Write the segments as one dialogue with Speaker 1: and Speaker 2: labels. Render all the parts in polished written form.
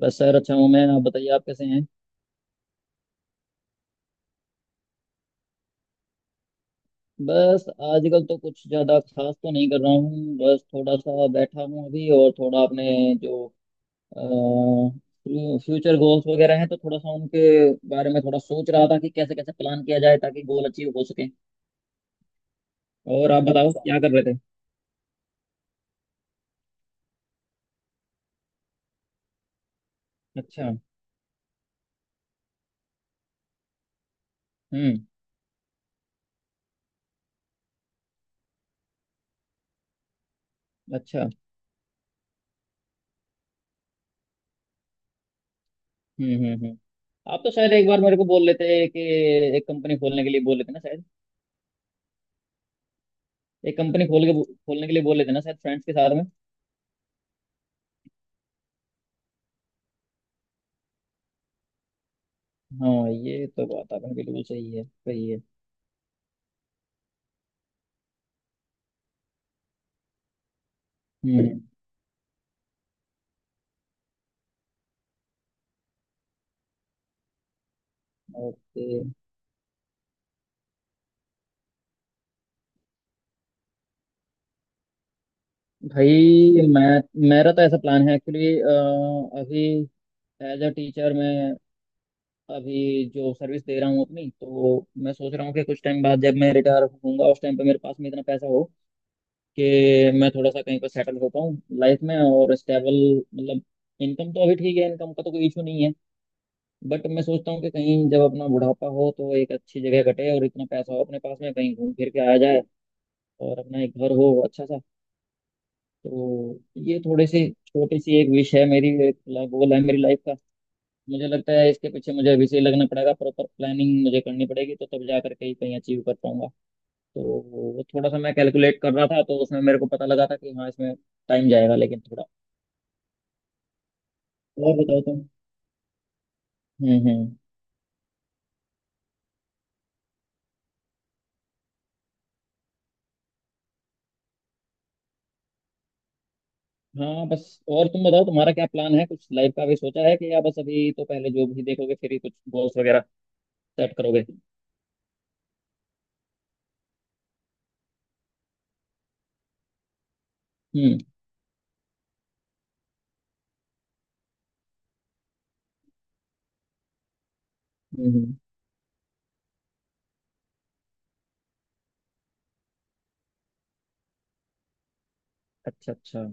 Speaker 1: बस सर अच्छा हूँ मैं। आप बताइए, आप कैसे हैं। बस आजकल तो कुछ ज़्यादा खास तो नहीं कर रहा हूँ। बस थोड़ा सा बैठा हूँ अभी और थोड़ा अपने जो फ्यूचर गोल्स वगैरह हैं तो थोड़ा सा उनके बारे में थोड़ा सोच रहा था कि कैसे कैसे प्लान किया जाए ताकि गोल अचीव हो सके। और आप बताओ, अच्छा क्या कर रहे थे। अच्छा। हम्म। अच्छा। हम्म। आप तो शायद एक बार मेरे को बोल लेते कि एक कंपनी खोलने के लिए बोल लेते ना शायद। एक कंपनी खोलने के लिए बोल लेते ना शायद, फ्रेंड्स के साथ। हाँ ये तो बात आपने बिल्कुल सही है, सही है। हम्म। ओके। भाई मैं, मेरा तो ऐसा प्लान है एक्चुअली। अभी एज अ टीचर मैं अभी जो सर्विस दे रहा हूँ अपनी, तो मैं सोच रहा हूँ कि कुछ टाइम बाद जब मैं रिटायर होऊंगा उस टाइम पे मेरे पास में इतना पैसा हो कि मैं थोड़ा सा कहीं पर सेटल हो पाऊँ लाइफ में और स्टेबल। मतलब इनकम तो अभी ठीक है, इनकम का तो कोई इशू नहीं है। बट मैं सोचता हूँ कि कहीं जब अपना बुढ़ापा हो तो एक अच्छी जगह कटे और इतना पैसा हो अपने पास में कहीं घूम फिर के आया जाए, और अपना एक घर हो अच्छा सा। तो ये थोड़ी सी छोटी सी एक विश है मेरी, एक गोल है मेरी लाइफ का। मुझे लगता है इसके पीछे मुझे अभी से ही लगना पड़ेगा, प्रॉपर प्लानिंग मुझे करनी पड़ेगी तो तब जा करके ही कहीं अचीव कर पाऊंगा। तो वो थोड़ा सा मैं कैलकुलेट कर रहा था तो उसमें मेरे को पता लगा था कि हाँ इसमें टाइम जाएगा, लेकिन थोड़ा। और बताओ तुम। हम्म। हाँ बस, और तुम बताओ तुम्हारा क्या प्लान है, कुछ लाइफ का भी सोचा है कि या बस अभी तो पहले जो भी देखोगे फिर ही कुछ गोल्स वगैरह सेट करोगे। हम्म हम्म हम्म। अच्छा अच्छा।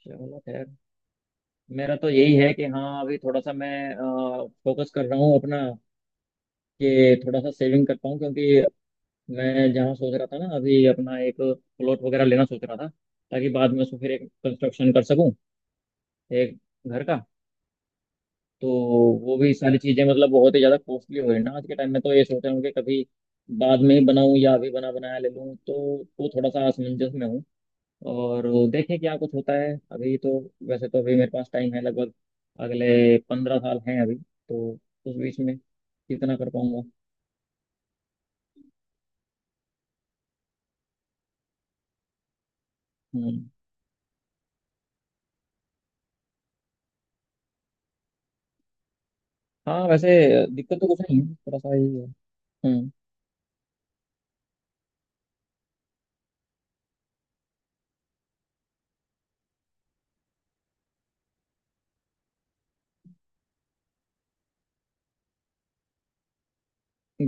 Speaker 1: चलो खैर। मेरा तो यही है कि हाँ अभी थोड़ा सा मैं फोकस कर रहा हूँ अपना कि थोड़ा सा सेविंग कर पाऊँ, क्योंकि मैं जहाँ सोच रहा था ना अभी अपना एक प्लॉट वगैरह लेना सोच रहा था, ताकि बाद में उसको फिर एक कंस्ट्रक्शन कर सकूँ एक घर का। तो वो भी सारी चीज़ें मतलब बहुत ही ज़्यादा कॉस्टली हो रही है ना आज के टाइम में, तो ये सोच रहा हूँ कि कभी बाद में ही बनाऊँ या अभी बना बनाया ले लूँ, तो वो थोड़ा सा असमंजस में हूँ। और देखें क्या कुछ होता है अभी तो। वैसे तो अभी मेरे पास टाइम है, लगभग अगले 15 साल हैं अभी तो, उस बीच में कितना कर पाऊंगा। हम्म। हाँ वैसे दिक्कत तो कुछ नहीं है, थोड़ा सा ही है। हम्म।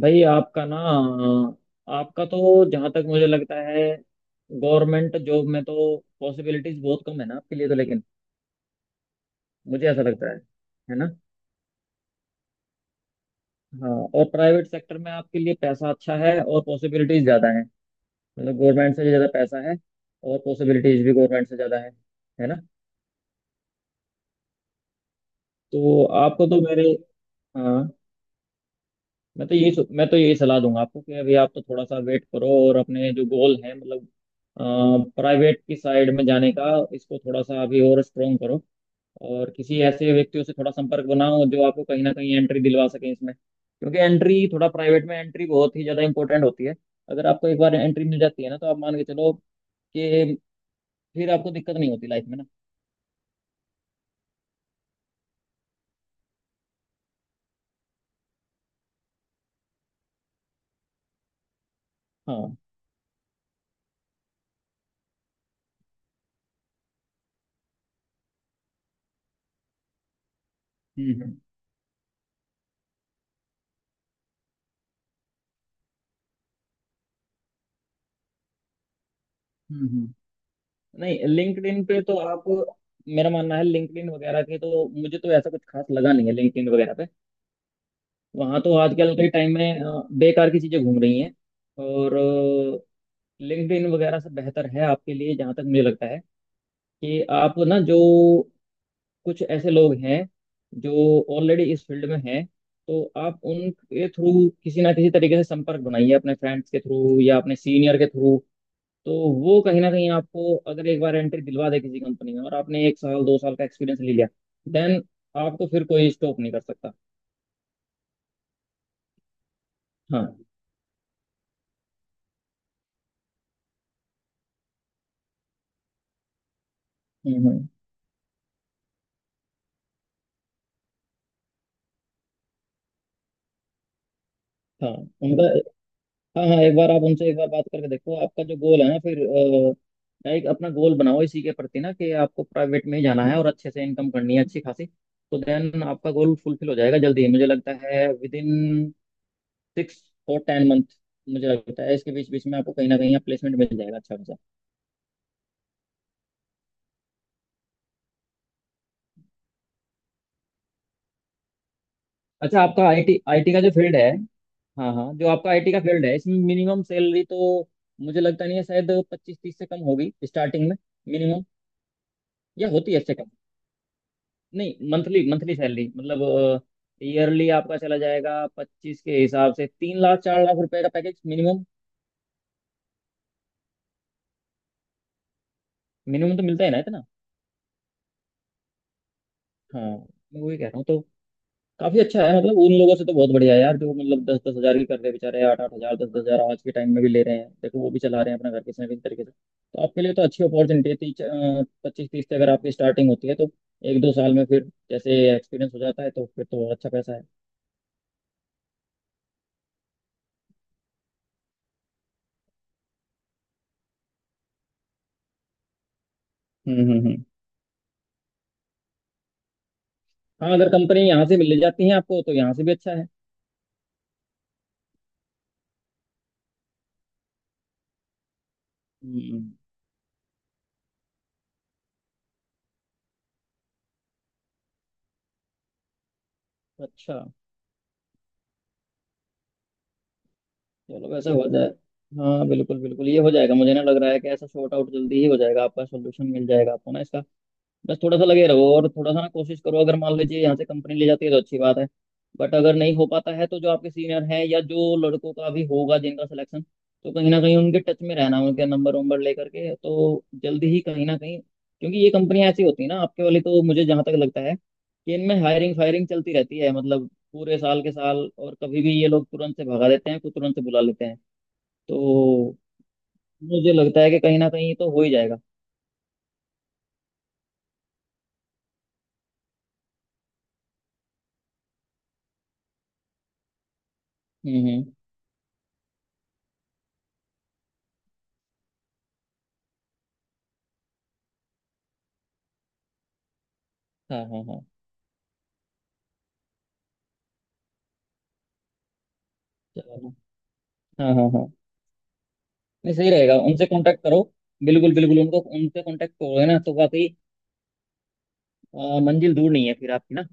Speaker 1: भाई आपका ना, आपका तो जहाँ तक मुझे लगता है गवर्नमेंट जॉब में तो पॉसिबिलिटीज बहुत कम है ना आपके लिए तो, लेकिन मुझे ऐसा लगता है ना। हाँ। और प्राइवेट सेक्टर में आपके लिए पैसा अच्छा है और पॉसिबिलिटीज ज्यादा है। मतलब गवर्नमेंट से भी ज़्यादा पैसा है और पॉसिबिलिटीज भी गवर्नमेंट से ज़्यादा है ना। तो आपको तो मेरे, हाँ, मैं तो यही सलाह दूंगा आपको कि अभी आप तो थोड़ा सा वेट करो और अपने जो गोल है मतलब प्राइवेट की साइड में जाने का, इसको थोड़ा सा अभी और स्ट्रोंग करो, और किसी ऐसे व्यक्तियों से थोड़ा संपर्क बनाओ जो आपको कहीं ना कहीं एंट्री दिलवा सके इसमें, क्योंकि एंट्री थोड़ा प्राइवेट में एंट्री बहुत ही ज़्यादा इंपॉर्टेंट होती है। अगर आपको एक बार एंट्री मिल जाती है ना तो आप मान के चलो कि फिर आपको दिक्कत नहीं होती लाइफ में ना। हाँ। हम्म हम्म। हम्म हम्म। नहीं, लिंक्डइन पे तो आप, मेरा मानना है लिंक्डइन वगैरह के तो मुझे तो ऐसा कुछ खास लगा नहीं है लिंक्डइन वगैरह पे। वहाँ तो आजकल के टाइम में बेकार की चीजें घूम रही हैं। और लिंक्डइन वगैरह से बेहतर है आपके लिए, जहाँ तक मुझे लगता है, कि आप ना जो कुछ ऐसे लोग हैं जो ऑलरेडी इस फील्ड में हैं, तो आप उनके थ्रू किसी ना किसी तरीके से संपर्क बनाइए, अपने फ्रेंड्स के थ्रू या अपने सीनियर के थ्रू। तो वो कहीं ना कहीं आपको अगर एक बार एंट्री दिलवा दे किसी कंपनी में और आपने 1-2 साल का एक्सपीरियंस ले लिया, देन आपको फिर कोई स्टॉप नहीं कर सकता। हाँ। हम्म हम्म, हाँ। उनका, हाँ हाँ, एक बार आप उनसे एक बार बात करके देखो। आपका जो गोल है ना फिर, लाइक अपना गोल बनाओ इसी के प्रति ना कि आपको प्राइवेट में ही जाना है और अच्छे से इनकम करनी है अच्छी खासी, तो देन आपका गोल फुलफिल हो जाएगा जल्दी ही। मुझे लगता है विद इन 6-10 मंथ, मुझे लगता है इसके बीच बीच में आपको कहीं ना कहीं प्लेसमेंट मिल जाएगा अच्छा खासा। अच्छा, आपका आईटी आईटी का जो फील्ड है, हाँ हाँ, जो आपका आईटी का फील्ड है, इसमें मिनिमम सैलरी तो मुझे लगता नहीं है शायद 25-30 से कम होगी स्टार्टिंग में मिनिमम, या होती है इससे कम। नहीं, मंथली मंथली सैलरी, मतलब ईयरली आपका चला जाएगा 25 के हिसाब से 3 लाख 4 लाख रुपए का पैकेज मिनिमम। मिनिमम तो मिलता है ना इतना। हाँ, मैं वही कह रहा हूँ तो। काफी अच्छा है, मतलब उन लोगों से तो बहुत बढ़िया है यार जो मतलब 10-10 हजार की कर रहे हैं बेचारे, 8-8 हजार 10-10 हजार आज के टाइम में भी ले रहे हैं, देखो वो भी चला रहे हैं अपना घर किसी ना किसी तरीके से। तो आपके लिए तो अच्छी अपॉर्चुनिटी है, तीस पच्चीस तीस से अगर आपकी स्टार्टिंग होती है तो 1-2 साल में फिर जैसे एक्सपीरियंस हो जाता है तो फिर तो और अच्छा पैसा है। हम्म। हाँ, अगर कंपनी यहाँ से मिल ले जाती है आपको तो यहाँ से भी अच्छा है। हम्म। अच्छा। चलो वैसा हो जाए। हाँ बिल्कुल बिल्कुल, ये हो जाएगा, मुझे ना लग रहा है कि ऐसा शॉर्ट आउट जल्दी ही हो जाएगा, आपका सोल्यूशन मिल जाएगा आपको ना इसका। बस थोड़ा सा लगे रहो और थोड़ा सा ना कोशिश करो। अगर मान लीजिए यहाँ से कंपनी ले जाती है तो अच्छी बात है, बट अगर नहीं हो पाता है तो जो आपके सीनियर हैं या जो लड़कों का भी होगा जिनका सिलेक्शन, तो कहीं ना कहीं उनके टच में रहना, उनके नंबर वंबर लेकर के, तो जल्दी ही कहीं ना कहीं। क्योंकि ये कंपनियां ऐसी होती है ना आपके वाली, तो मुझे जहां तक लगता है कि इनमें हायरिंग फायरिंग चलती रहती है, मतलब पूरे साल के साल, और कभी भी ये लोग तुरंत से भगा देते हैं, कुछ तुरंत से बुला लेते हैं। तो मुझे लगता है कि कहीं ना कहीं तो हो ही जाएगा। हम्म। हाँ हाँ हाँ। चलो। हाँ हाँ हाँ। नहीं, सही रहेगा, उनसे कांटेक्ट करो। बिल्कुल बिल्कुल, उनको उनसे कांटेक्ट करोगे ना तो वाकई मंजिल दूर नहीं है फिर आपकी ना।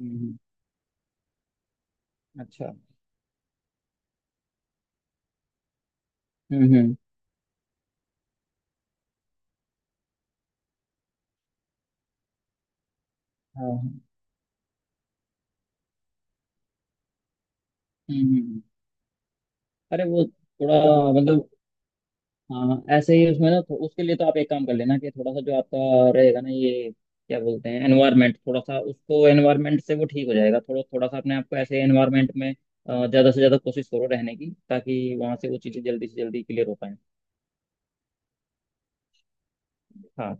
Speaker 1: हम्म, अच्छा। हम्म, हाँ। हम्म। अरे वो थोड़ा, मतलब हाँ हाँ। ऐसे ही उसमें ना, तो उसके लिए तो आप एक काम कर लेना कि थोड़ा सा जो आपका रहेगा ना ये क्या बोलते हैं एनवायरनमेंट, थोड़ा सा उसको एनवायरनमेंट से वो ठीक हो जाएगा, थोड़ा थोड़ा सा अपने आपको ऐसे एनवायरनमेंट में ज्यादा से ज्यादा कोशिश करो रहने की, ताकि वहां से वो चीजें जल्दी से जल्दी क्लियर हो पाए। हाँ।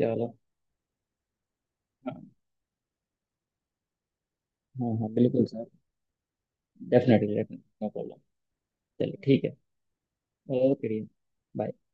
Speaker 1: चलो। हाँ हाँ हाँ बिल्कुल sir, definitely definitely, no problem. चलिए ठीक है। ओके। बाय।